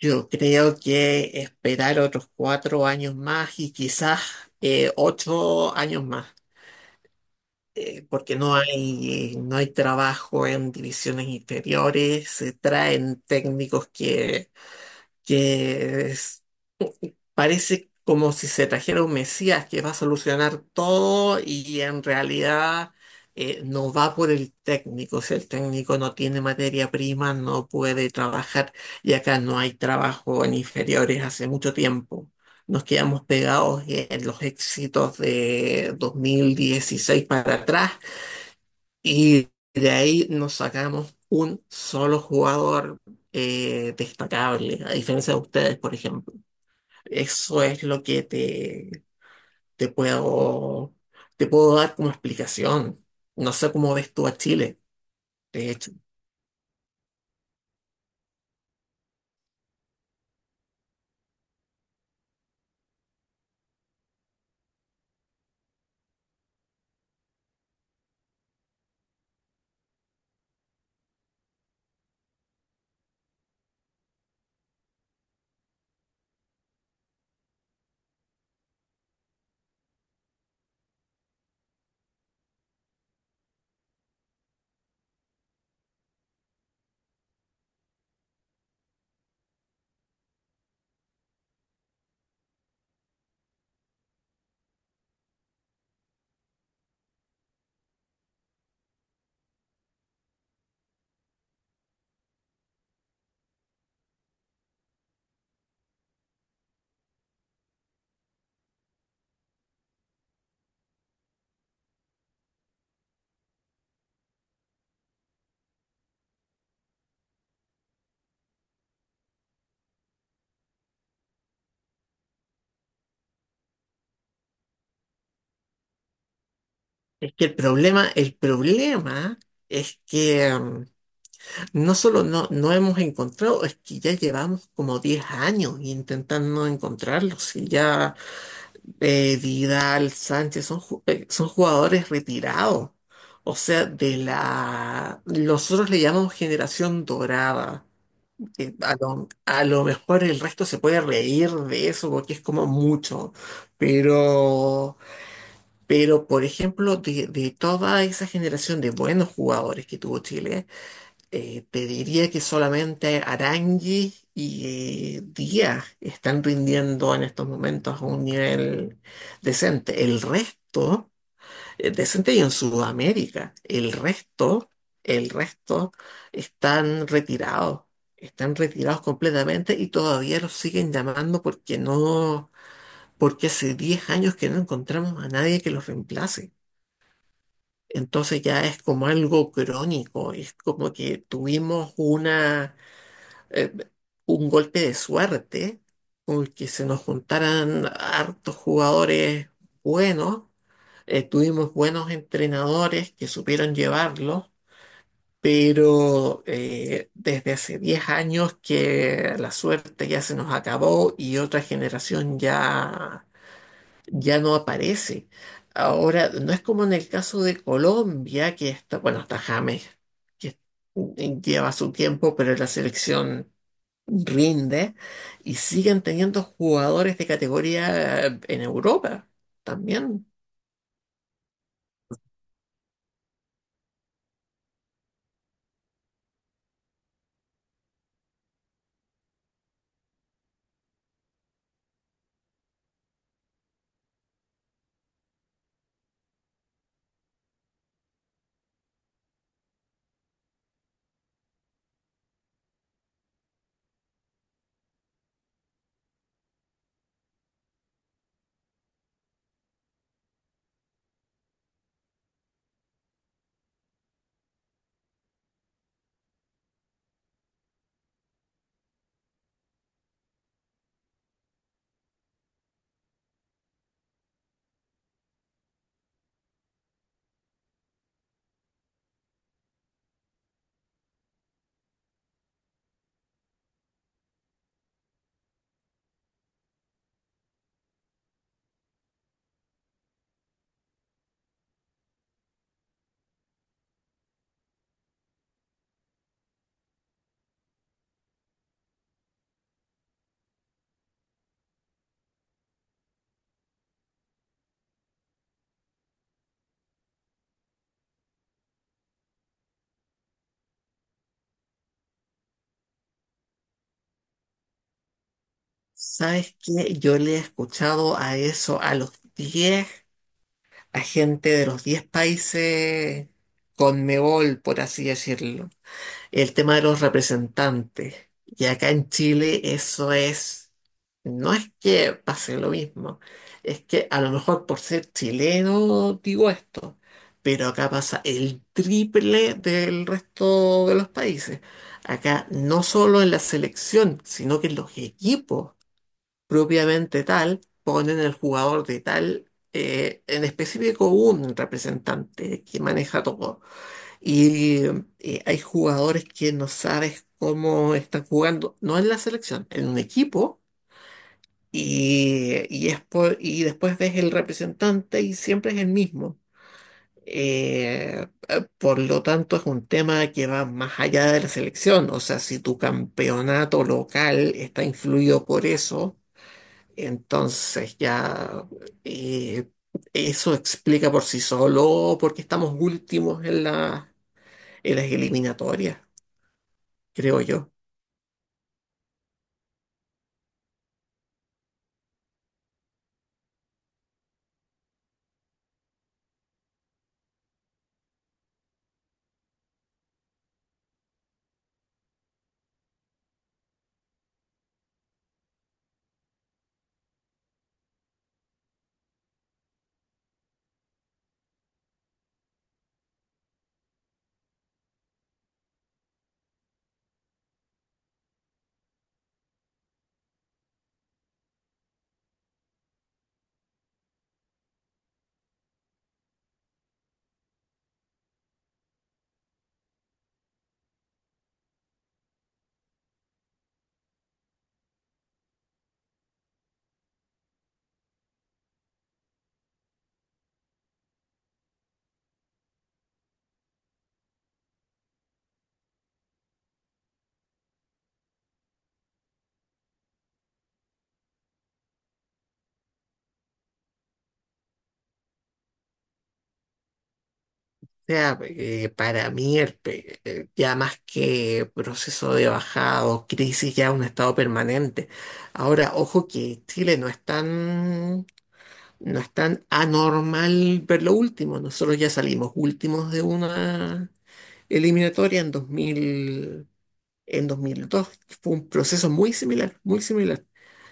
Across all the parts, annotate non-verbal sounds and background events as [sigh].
Yo creo que esperar otros cuatro años más y quizás ocho años más, porque no hay trabajo en divisiones inferiores, se traen técnicos que parece como si se trajera un Mesías que va a solucionar todo y en realidad, no va por el técnico. Si el técnico no tiene materia prima, no puede trabajar y acá no hay trabajo en inferiores hace mucho tiempo. Nos quedamos pegados en los éxitos de 2016 para atrás y de ahí nos sacamos un solo jugador destacable, a diferencia de ustedes, por ejemplo. Eso es lo que te puedo, te puedo dar como explicación. No sé cómo ves tú a Chile, de hecho. Es que el problema es que no solo no, no hemos encontrado, es que ya llevamos como 10 años intentando encontrarlos. Y ya, Vidal, Sánchez son jugadores retirados. O sea, de la... Nosotros le llamamos generación dorada. Sí, a lo mejor el resto se puede reír de eso porque es como mucho, pero, pero por ejemplo, de toda esa generación de buenos jugadores que tuvo Chile, te diría que solamente Arangui y Díaz están rindiendo en estos momentos a un nivel decente. El resto, decente y en Sudamérica. El resto están retirados, están retirados completamente y todavía los siguen llamando porque no, porque hace 10 años que no encontramos a nadie que los reemplace. Entonces ya es como algo crónico, es como que eh, un golpe de suerte con que se nos juntaran hartos jugadores buenos. Eh, tuvimos buenos entrenadores que supieron llevarlo, pero desde hace 10 años que la suerte ya se nos acabó y otra ya no aparece. Ahora, no es como en el caso de Colombia, que está, bueno, está James, que lleva su tiempo, pero la selección rinde y siguen teniendo jugadores de categoría, en Europa también. ¿Sabes qué? Yo le he escuchado a eso a gente de los 10 países Conmebol, por así decirlo. El tema de los representantes. Y acá en Chile no es que pase lo mismo, es que a lo mejor por ser chileno digo esto, pero acá pasa el triple del resto de los países. Acá no solo en la selección, sino que en los equipos propiamente tal, ponen el jugador de tal, en específico un representante que maneja todo. Y, hay jugadores que no sabes cómo están jugando, no en la selección, en un equipo, y después ves el representante y siempre es el mismo. Por lo tanto, es un tema que va más allá de la selección. O sea, si tu campeonato local está influido por eso, entonces ya, eh, eso explica por sí solo por qué estamos últimos en en las eliminatorias, creo yo. O sea, para mí ya más que proceso de bajada o crisis, ya un estado permanente. Ahora, ojo que Chile no es tan, no es tan anormal ver lo último. Nosotros ya salimos últimos de una eliminatoria en 2002. Fue un proceso muy similar, muy similar.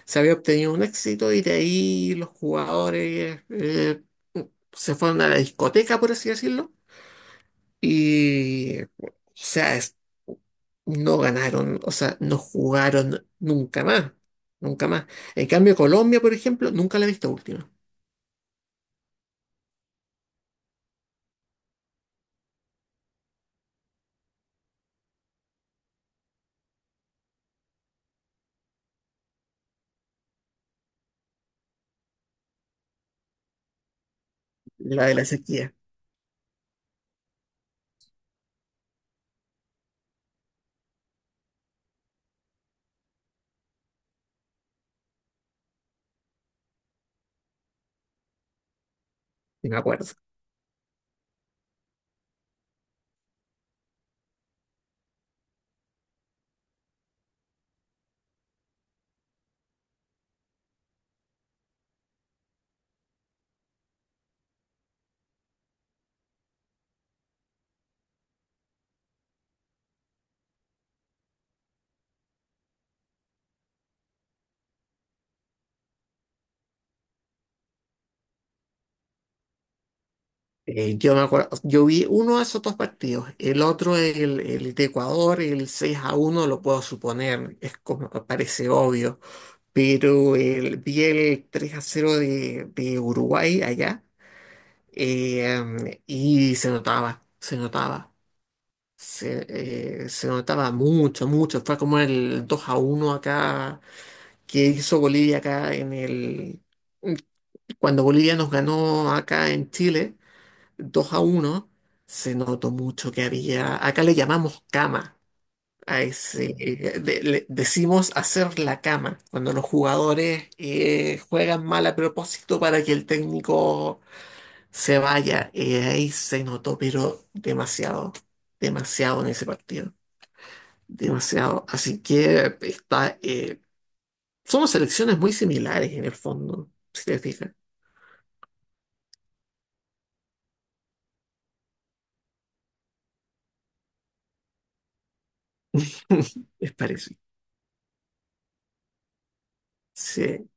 Se había obtenido un éxito y de ahí los jugadores, mm, se fueron a la discoteca, por así decirlo, y, o sea, es- no ganaron, o sea, no jugaron nunca más, nunca más. En cambio, Colombia, por ejemplo, nunca la he visto última, la de la sequía, sí me acuerdo. Yo me acuerdo, yo vi uno de esos dos partidos, el otro, el de Ecuador, el 6-1 lo puedo suponer, es como, parece obvio, pero vi el 3-0 de Uruguay allá. Eh, y se notaba, se, se notaba mucho, mucho, fue como el 2-1 acá que hizo Bolivia acá cuando Bolivia nos ganó acá en Chile 2-1. Se notó mucho que había, acá le llamamos cama, a ese, decimos hacer la cama, cuando los jugadores, juegan mal a propósito para que el técnico se vaya. Eh, ahí se notó, pero demasiado, demasiado en ese partido, demasiado. Así que somos selecciones muy similares en el fondo, si te fijas. [laughs] Es parecido. Sí.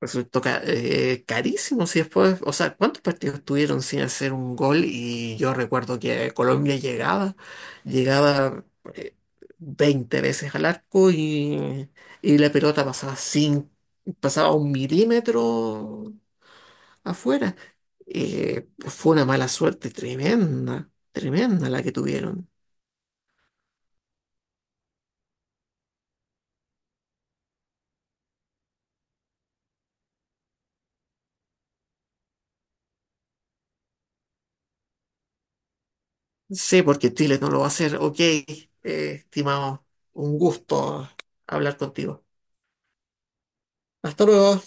Carísimo. Si después, o sea, ¿cuántos partidos tuvieron sin hacer un gol? Y yo recuerdo que Colombia llegaba, eh, 20 veces al arco y la pelota pasaba sin, pasaba un milímetro afuera. Fue una mala suerte tremenda, tremenda la que tuvieron. Sí, porque Chile no lo va a hacer. Ok, estimado, un gusto hablar contigo. Hasta luego.